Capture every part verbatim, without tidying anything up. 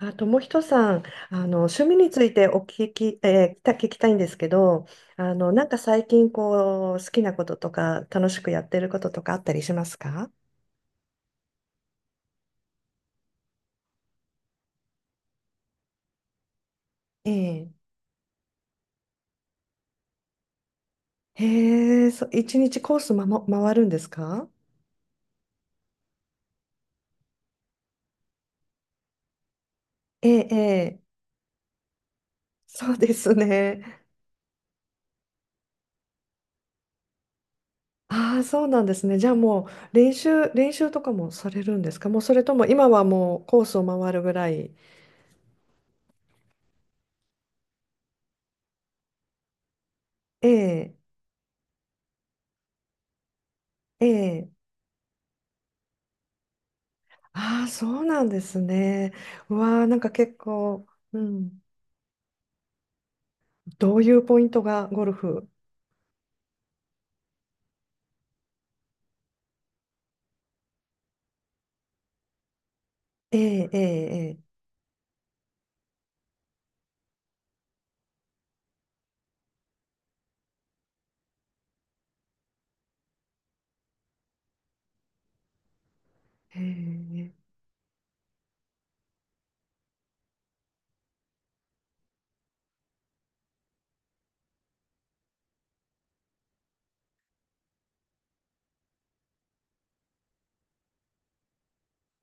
あ、友人さん、あの趣味についてお聞き、えーた聞きたいんですけど、あのなんか最近こう好きなこととか楽しくやってることとかあったりしますか？ええ。へえ、そ、一日コース、まも、回るんですか？ええ、ええ、そうですね。ああ、そうなんですね。じゃあもう練習、練習とかもされるんですか？もうそれとも今はもうコースを回るぐらい。ええ、ええ。ああ、そうなんですね。うわあ、なんか結構、うん、どういうポイントがゴルフ？ええええええええ、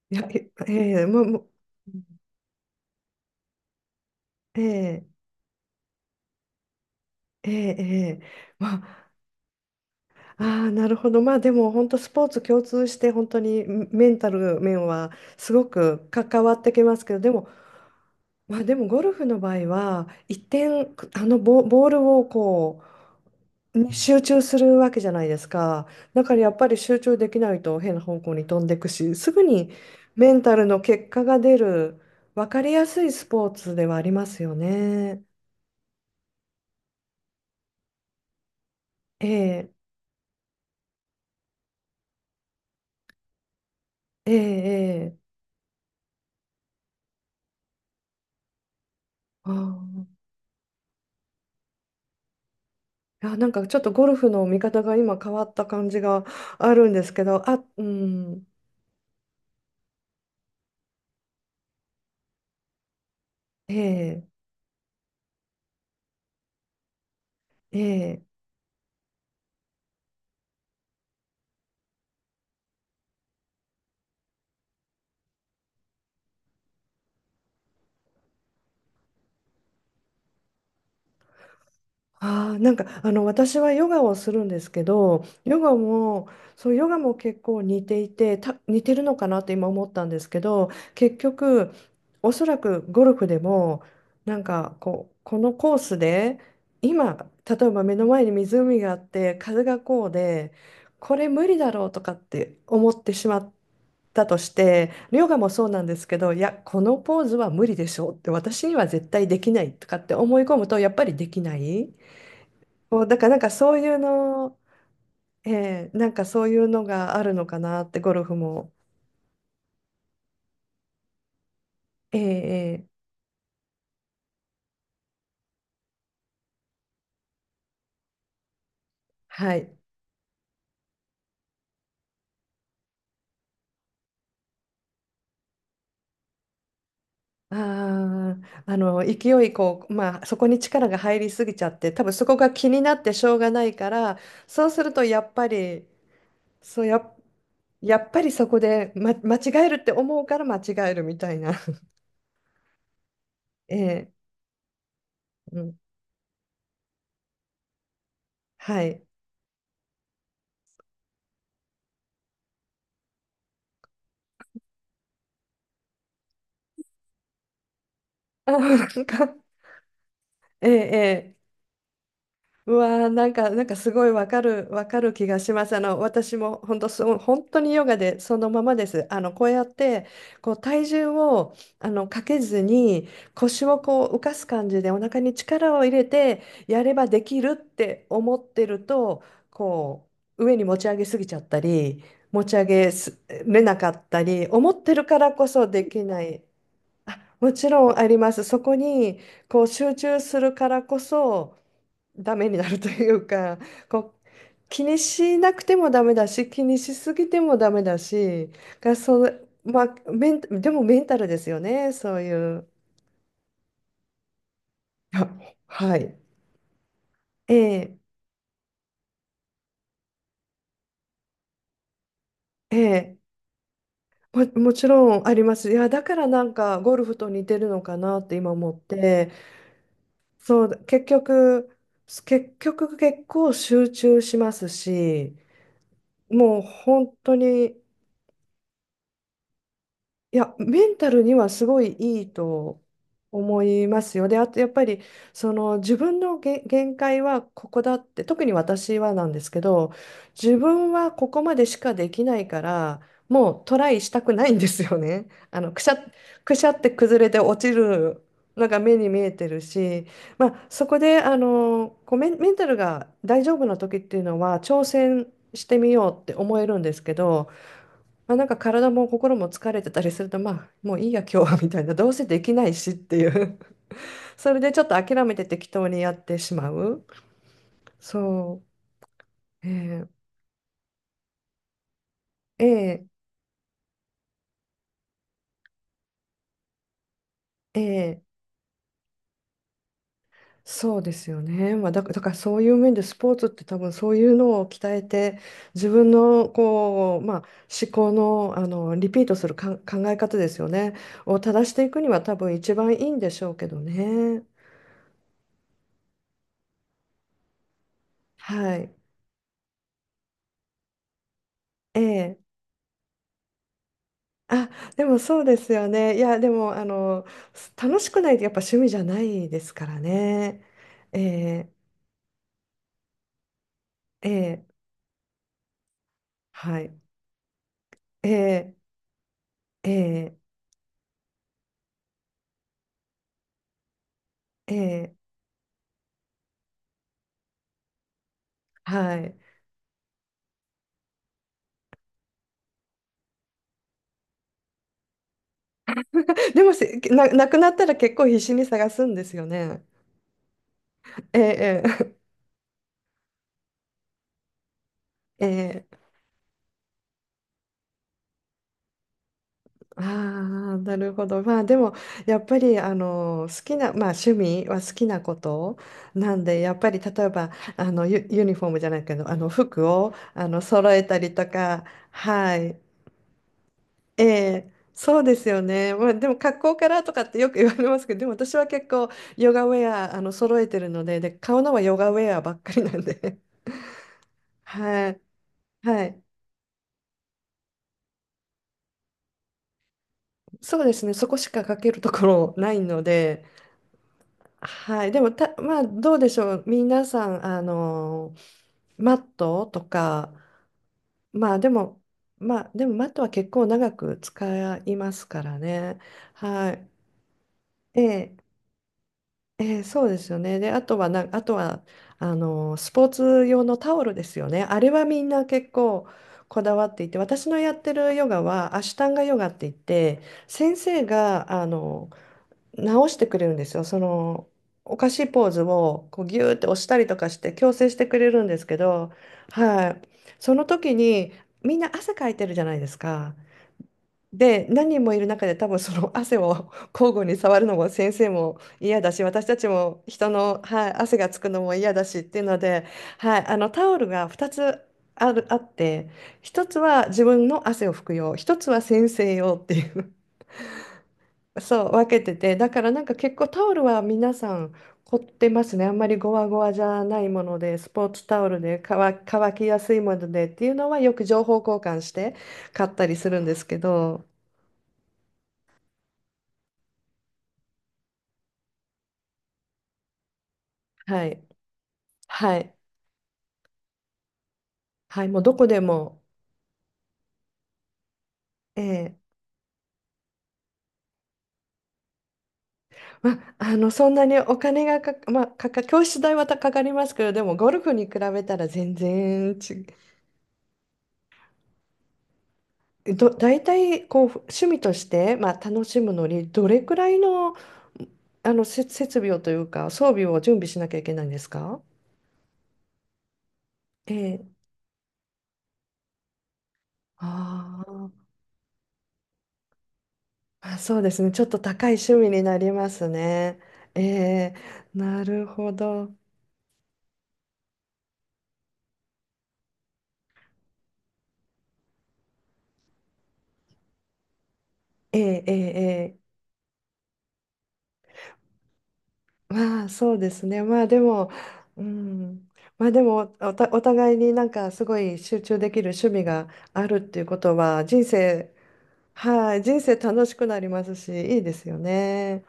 いやええええ、もうもうええええええ、まあ、ああ、なるほど。まあでも本当スポーツ共通して本当にメメンタル面はすごく関わってきますけど、でも、まあでもゴルフの場合は一点あのボ、ボールをこうね集中するわけじゃないですか。だからやっぱり集中できないと変な方向に飛んでいくし、すぐにメンタルの結果が出る分かりやすいスポーツではありますよね。ええ、ええ、ええ。ああ、いやなんかちょっとゴルフの見方が今変わった感じがあるんですけど、あ、うん、ええ、ええ。ああ、なんかあの私はヨガをするんですけど、ヨガも、そう、ヨガも結構似ていて、た、似てるのかなって今思ったんですけど、結局、おそらくゴルフでも、なんかこう、このコースで、今、例えば目の前に湖があって、風がこうで、これ無理だろうとかって思ってしまったとして、ヨガもそうなんですけど、いや、このポーズは無理でしょうって、私には絶対できないとかって思い込むと、やっぱりできない。こうだからなんかそういうの、えーなんかそういうのがあるのかなってゴルフも。えーえー、はい。あー、あの勢いこう、まあ、そこに力が入りすぎちゃって多分そこが気になってしょうがないから、そうするとやっぱりそうやっ、やっぱりそこで、ま、間違えるって思うから間違えるみたいな。えーうん、はい。あー、なんか、えーえー、うわー、なんか、なんかすごいわかる、わかる気がします。あの、私も本当そう、本当にヨガでそのままです。あの、こうやって、こう体重を、あの、かけずに、腰をこう浮かす感じでお腹に力を入れて、やればできるって思ってると、こう、上に持ち上げすぎちゃったり、持ち上げすれなかったり、思ってるからこそできない。あ、もちろんあります。そこに、こう集中するからこそ、ダメになるというか、こう気にしなくてもダメだし、気にしすぎてもダメだし、がそのまあ、メン、でもメンタルですよね、そういう。いや、はい。ええ、ええ、も、もちろんあります。いや、だからなんかゴルフと似てるのかなって今思って、そう、結局、結局結構集中しますし、もう本当に。いや、メンタルにはすごいいいと思いますよ。で、あとやっぱりその自分のげ限界はここだって、特に私はなんですけど、自分はここまでしかできないから、もうトライしたくないんですよね。あの、くしゃ、くしゃって崩れて落ちるのが目に見えてるし、まあ、そこであのこうメン、メンタルが大丈夫な時っていうのは挑戦してみようって思えるんですけど、まあ、なんか体も心も疲れてたりすると、まあ、もういいや、今日はみたいな、どうせできないしっていう それでちょっと諦めて適当にやってしまう。そう、えー、えー、えーそうですよね。まあ、だ、だからそういう面でスポーツって多分そういうのを鍛えて、自分のこう、まあ、思考の、あのリピートするか考え方ですよね、を正していくには多分一番いいんでしょうけどね。はい。ええ、あ、でもそうですよね。いや、でも、あの、楽しくないとやっぱ趣味じゃないですからね。ええええ、はい。ええええええ、はい。でもせ、な、なくなったら結構必死に探すんですよね。ええええ ええ、ああ、なるほど。まあでも、やっぱり、あの、好きな、まあ趣味は好きなことなんで、やっぱり、例えば、あの、ユ、ユニフォームじゃないけど、あの、服を、あの、揃えたりとか、はい。ええ、そうですよね。まあでも、格好からとかってよく言われますけど、でも私は結構、ヨガウェア、あの、揃えてるので、で、買うのはヨガウェアばっかりなんで。はい。はい。そうですね。そこしかかけるところないので、はい、でもた、まあ、どうでしょう、皆さん、あのマットとか、まあでも、まあ、でもマットは結構長く使いますからね。はい。ええ、ええ、そうですよね。で、あとはな、あとは、あのスポーツ用のタオルですよね。あれはみんな結構こだわっていて、私のやってるヨガはアシュタンガヨガって言って、先生が、あの直してくれるんですよ。そのおかしいポーズをこうギューって押したりとかして矯正してくれるんですけど、はい、その時にみんな汗かいてるじゃないですか。で、何人もいる中で多分その汗を 交互に触るのも先生も嫌だし、私たちも人の、はい、汗がつくのも嫌だしっていうので、はい、あのタオルがふたつある、あって、一つは自分の汗を拭く用、一つは先生用っていう、そう分けてて、だからなんか結構タオルは皆さん凝ってますね。あんまりゴワゴワじゃないもので、スポーツタオルで乾、乾きやすいものでっていうのはよく情報交換して買ったりするんですけど、はい、はい、はい、もうどこでも、ええ、まあのそんなにお金がか、まかか教室代はたかかりますけど、でもゴルフに比べたら全然違う。ど、大体こう趣味として、まあ、楽しむのにどれくらいの、あのせ設備をというか装備を準備しなきゃいけないんですか？ええ。あー、あ、そうですね。ちょっと高い趣味になりますね。ええ、なるほど。ええ、ええ、ええ、まあそうですね。まあでも、うん。まあでもお、お互いになんかすごい集中できる趣味があるっていうことは人生、はい、人生楽しくなりますし、いいですよね。